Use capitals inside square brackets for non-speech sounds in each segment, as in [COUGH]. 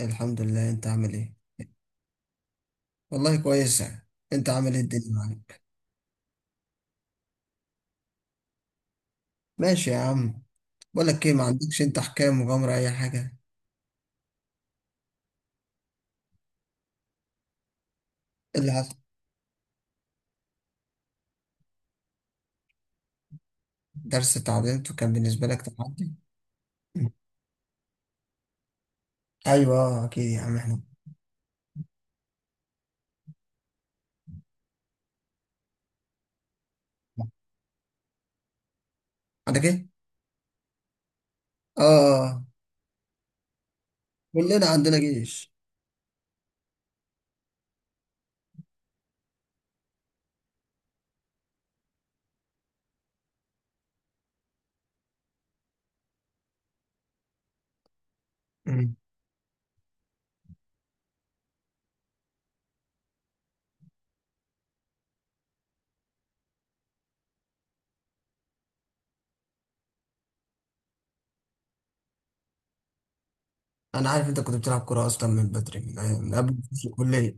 الحمد لله. انت عامل ايه؟ والله كويس يعني. انت عامل ايه الدنيا معاك؟ ماشي يا عم. بقولك ايه، ما عندكش انت حكاية مغامرة، اي حاجة؟ إيه اللي حصل؟ درس اتعدلته، كان بالنسبة لك تحدي. مم. ايوه، اكيد يا عم احنا. عندك ايه؟ اه، آه، آه. كلنا عندنا جيش. مم. انا عارف انت كنت بتلعب كورة اصلا من بدري، من قبل ما تخش الكلية.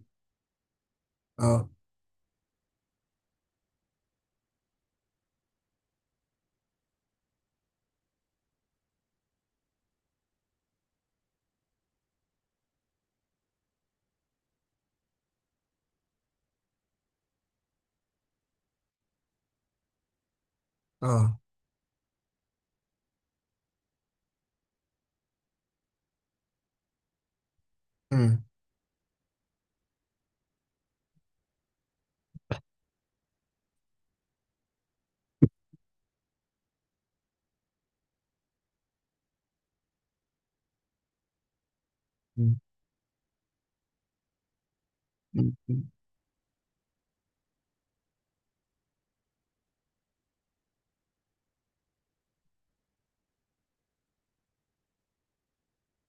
اه اه. مم. مم. مم.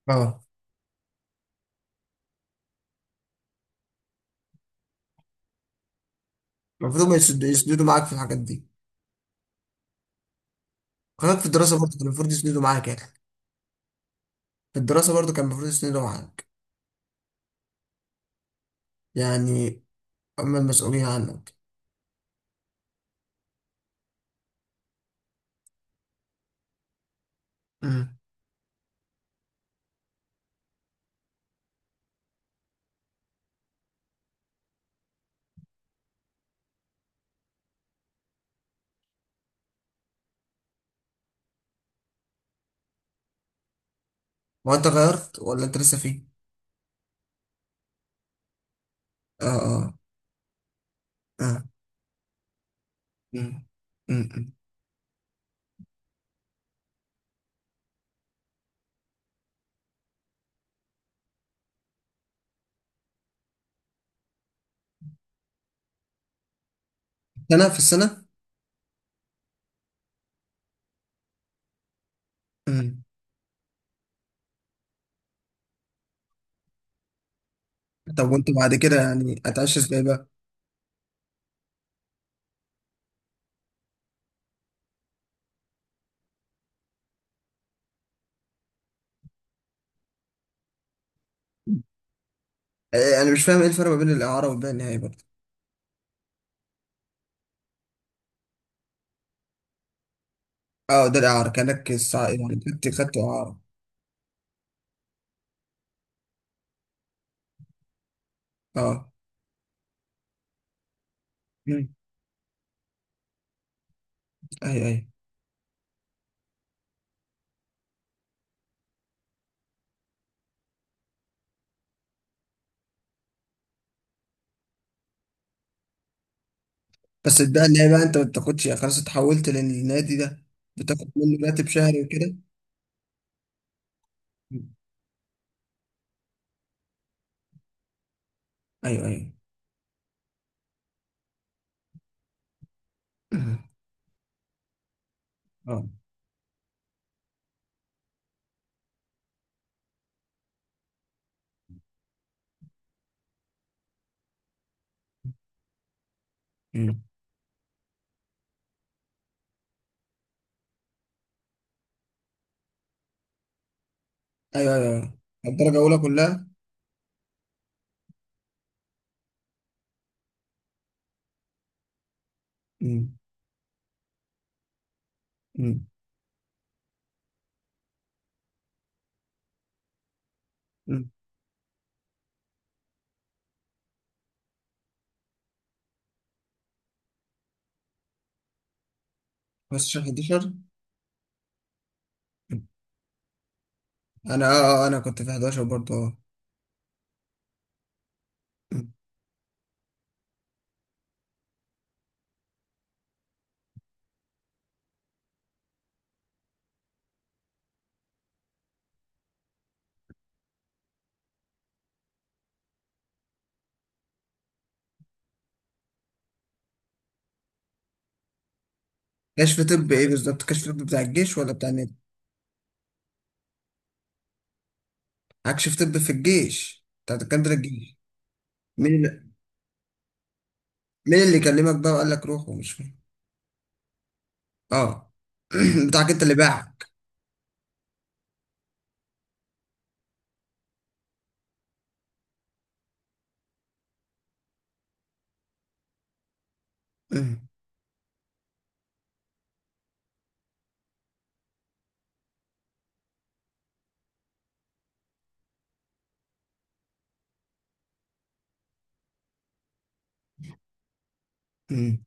اه، المفروض ما يسندوا معاك في الحاجات دي. خلاك في الدراسة برضه كان المفروض يسندوا معاك يعني. في الدراسة برضو كان المفروض يسندوا معاك. يعني هم المسؤولين عنك. مم. هو أنت غيرت ولا أنت لسه فيه؟ آه، آه، آه. مم. مم. سنة في السنة؟ مم. طب وأنت بعد كده يعني هتعيش إزاي بقى؟ أنا مش فاهم إيه الفرق ما بين الإعارة والباقي النهائي برضه. أه ده الإعارة، كأنك الساعة يعني خدت إعارة. أه. مم. أيوه، أيوه. بس الباقي النهائي بقى أنت ما بتاخدش؟ يعني خلاص اتحولت للنادي ده، بتاخد منه راتب شهري وكده؟ مم. أيوه، أيوه. مم. أه. ايوه، ايوه، ايوه. الدرجه الاولى كلها. مم. مم. مم. بس 11. انا اه آه، انا كنت في 11 برضه. اه مم. كشف طب ايه بالظبط، كشف طب بتاع الجيش ولا بتاع النادي؟ كشف طب في الجيش بتاع دكاتره الجيش. مين اللي مين اللي كلمك بقى وقال لك روح ومش فاهم. اه. [CLEARS THROAT] بتاعك انت اللي باعك. مم. مم.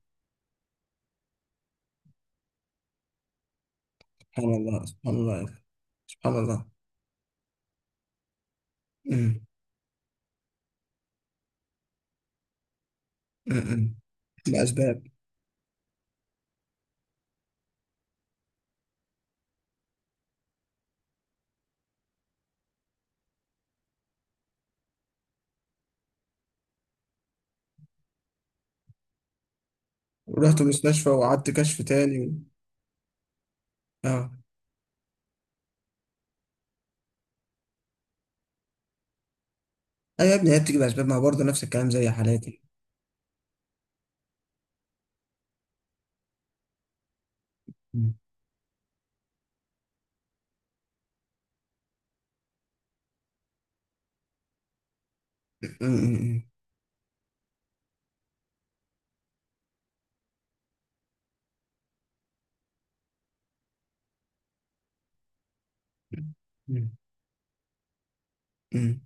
سبحان الله، سبحان الله. سبحان الله. مم. مم. مم. بأسباب. ورحت المستشفى وقعدت كشف تاني و... اه. ايوه يا ابني، هي بتيجي بأسباب، ما هو برضه نفس الكلام زي حالاتي. أمم، أمم، أمم.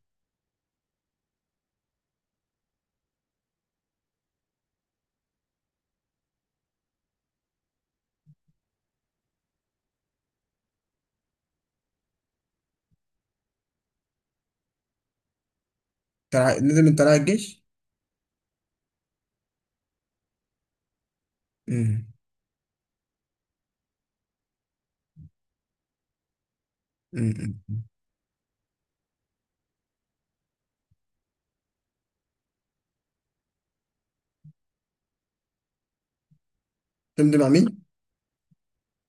طلع نزل من طلائع الجيش. أمم، أمم، أمم. تمضي مع مين؟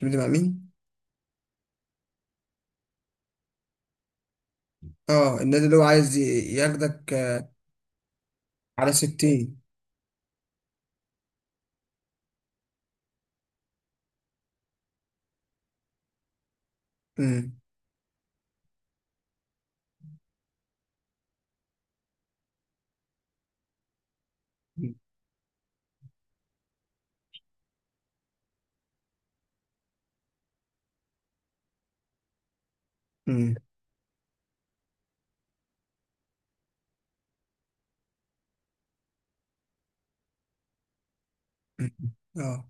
تمضي مع مين؟ اه النادي اللي هو عايز ياخدك . على ستين؟ أمم، أمم، أمم، أمم. اه.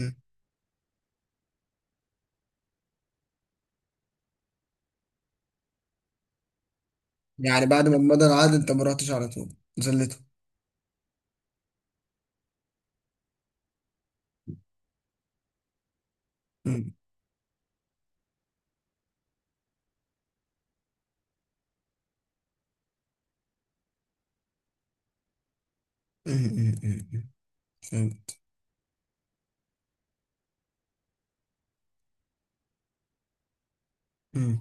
أمم. يعني بعد ما مضى العقد انت ما رحتش على طول زلته؟ أمم، أمم، أمم، أمم. فهمت. أمم.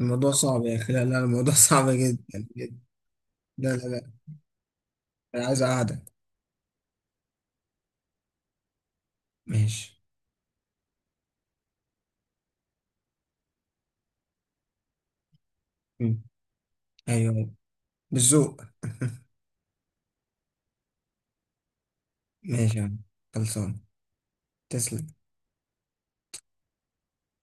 الموضوع صعب يا اخي، لا لا، الموضوع [LAUGHS] صعب جدا جدا. لا لا لا. انا عايز اقعدك. ماشي. أمم. ايوه. بالذوق [LAUGHS] ماشي يا عم. خلصان. تسلم.